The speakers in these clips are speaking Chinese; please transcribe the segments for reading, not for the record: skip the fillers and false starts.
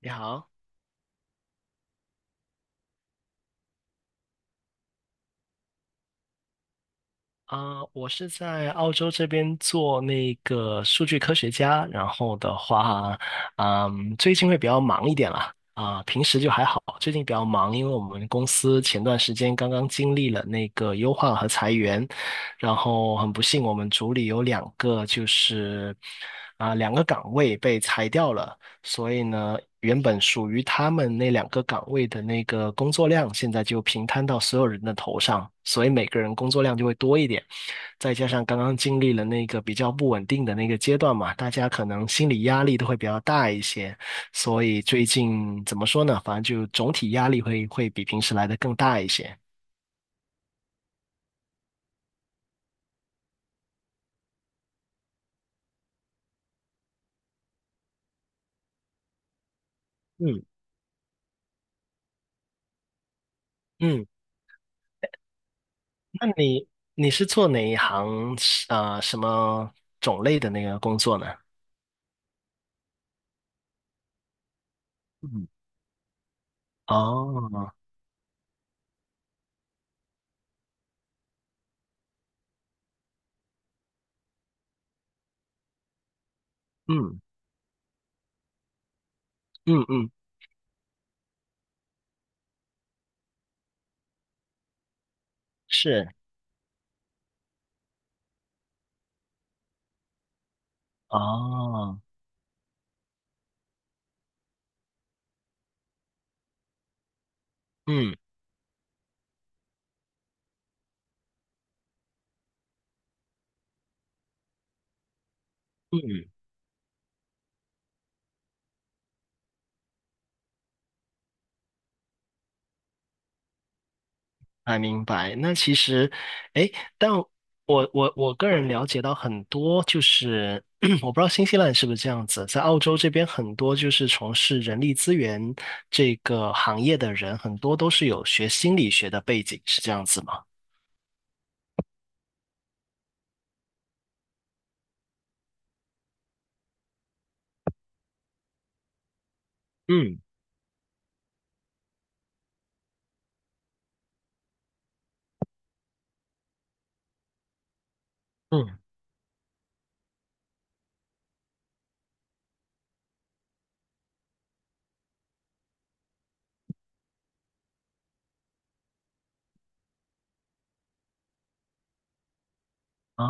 你好，我是在澳洲这边做那个数据科学家，然后的话，最近会比较忙一点啦，平时就还好，最近比较忙，因为我们公司前段时间刚刚经历了那个优化和裁员，然后很不幸，我们组里有两个就是两个岗位被裁掉了，所以呢，原本属于他们那两个岗位的那个工作量，现在就平摊到所有人的头上，所以每个人工作量就会多一点。再加上刚刚经历了那个比较不稳定的那个阶段嘛，大家可能心理压力都会比较大一些，所以最近怎么说呢？反正就总体压力会比平时来的更大一些。嗯嗯。那你是做哪一行？什么种类的那个工作呢？嗯，哦，嗯嗯嗯，是，哦，嗯嗯。还明白。那其实，哎，但我个人了解到很多，就是 我不知道新西兰是不是这样子，在澳洲这边很多就是从事人力资源这个行业的人，很多都是有学心理学的背景，是这样子吗？嗯嗯，啊，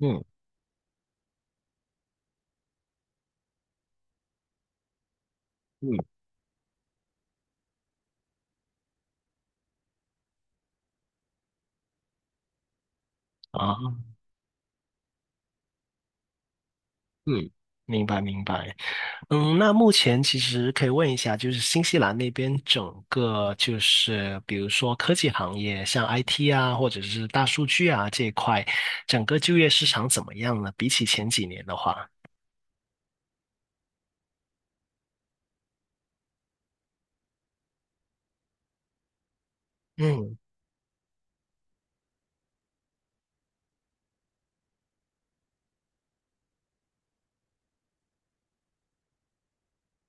嗯嗯，啊，嗯。明白明白。那目前其实可以问一下，就是新西兰那边整个就是比如说科技行业，像 IT 啊，或者是大数据啊这一块，整个就业市场怎么样呢？比起前几年的话，嗯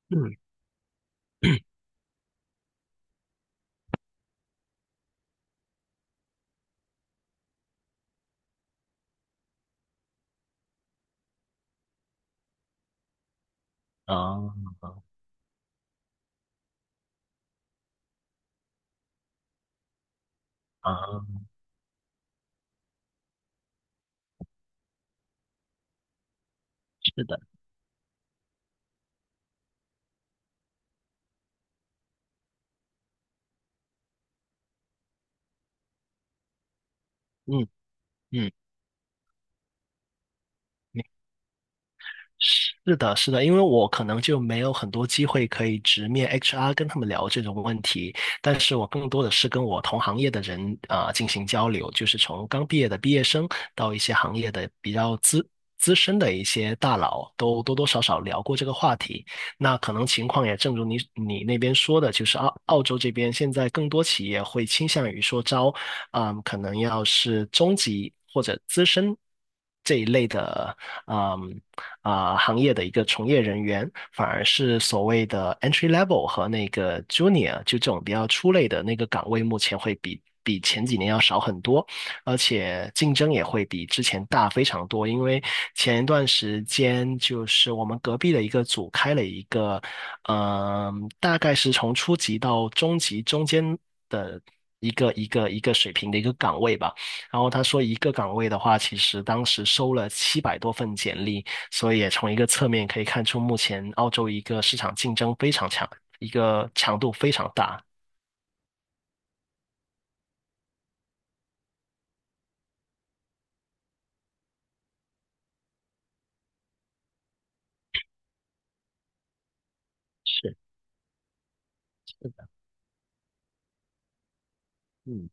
嗯 啊，啊，是的，嗯嗯。是的，是的，因为我可能就没有很多机会可以直面 HR 跟他们聊这种问题，但是我更多的是跟我同行业的人啊、进行交流，就是从刚毕业的毕业生到一些行业的比较资深的一些大佬，都多多少少聊过这个话题。那可能情况也正如你那边说的，就是澳洲这边现在更多企业会倾向于说招，可能要是中级或者资深这一类的，嗯行业的一个从业人员，反而是所谓的 entry level 和那个 junior 就这种比较出类的那个岗位，目前会比前几年要少很多。而且竞争也会比之前大非常多，因为前一段时间就是我们隔壁的一个组开了一个，大概是从初级到中级中间一个水平的一个岗位吧。然后他说一个岗位的话，其实当时收了700多份简历，所以也从一个侧面可以看出，目前澳洲一个市场竞争非常强，一个强度非常大。是，嗯。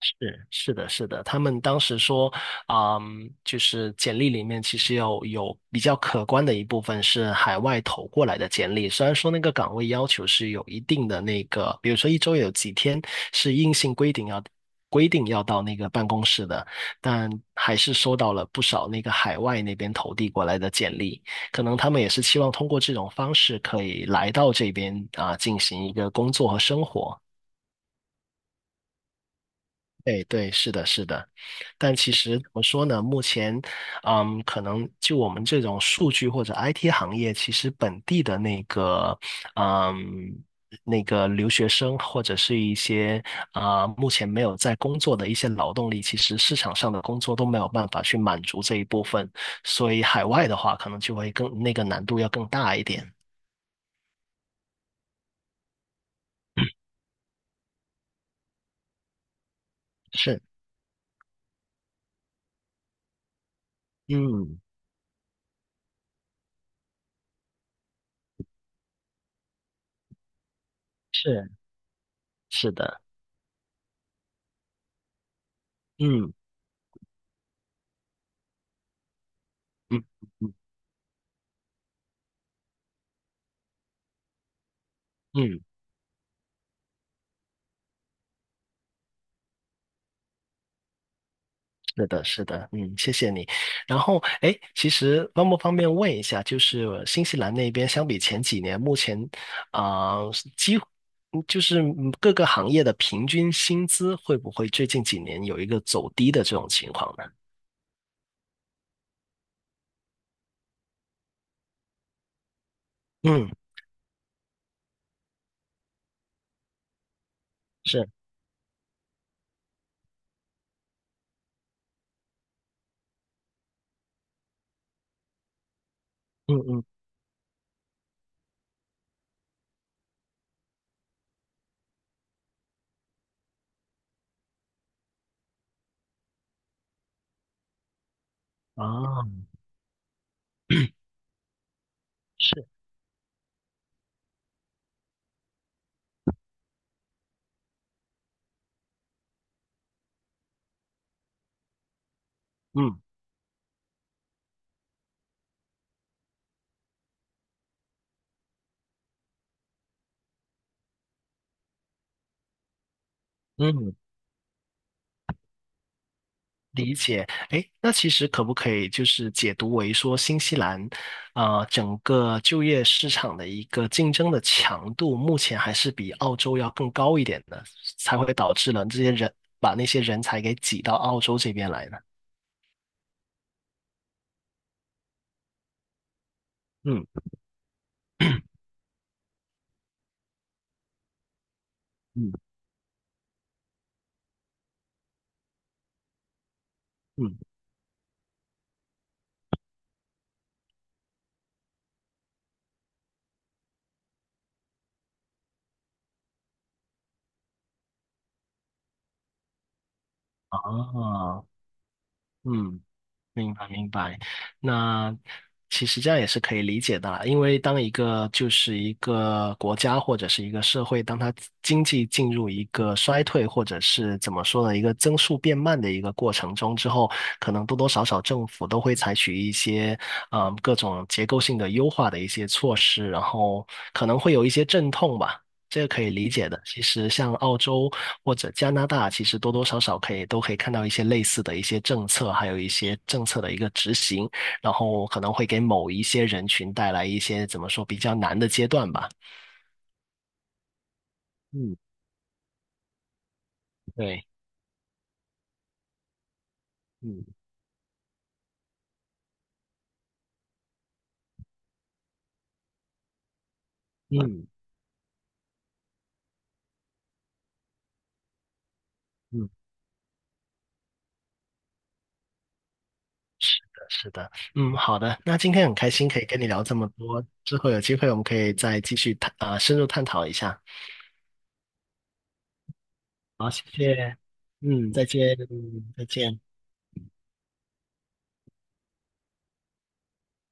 是是的，是的，他们当时说，就是简历里面其实有比较可观的一部分是海外投过来的简历，虽然说那个岗位要求是有一定的那个，比如说一周有几天是硬性规定要到那个办公室的，但还是收到了不少那个海外那边投递过来的简历，可能他们也是期望通过这种方式可以来到这边啊，进行一个工作和生活。对对，是的，是的，但其实怎么说呢？目前，可能就我们这种数据或者 IT 行业，其实本地的那个，嗯，那个留学生或者是一些目前没有在工作的一些劳动力，其实市场上的工作都没有办法去满足这一部分，所以海外的话，可能就会更那个难度要更大一点。是，嗯，是，是的，嗯嗯嗯嗯。是的，是的，嗯，谢谢你。然后，哎，其实方不方便问一下，就是新西兰那边相比前几年，目前啊，几乎就是各个行业的平均薪资会不会最近几年有一个走低的这种情况呢？嗯，是，嗯嗯，啊，是，嗯嗯。理解。诶，那其实可不可以就是解读为说，新西兰，整个就业市场的一个竞争的强度，目前还是比澳洲要更高一点的，才会导致了这些人把那些人才给挤到澳洲这边来呢？嗯嗯嗯，啊，嗯。明白明白。那其实这样也是可以理解的啦，因为当一个就是一个国家或者是一个社会，当它经济进入一个衰退或者是怎么说呢，一个增速变慢的一个过程中之后，可能多多少少政府都会采取一些各种结构性的优化的一些措施，然后可能会有一些阵痛吧。这个可以理解的。其实像澳洲或者加拿大，其实多多少少可以都可以看到一些类似的一些政策，还有一些政策的一个执行，然后可能会给某一些人群带来一些怎么说比较难的阶段吧。嗯，对，嗯 嗯，嗯的是的，嗯，好的。那今天很开心可以跟你聊这么多，之后有机会我们可以再继续探啊，深入探讨一下。好，谢谢。嗯，再见，再见。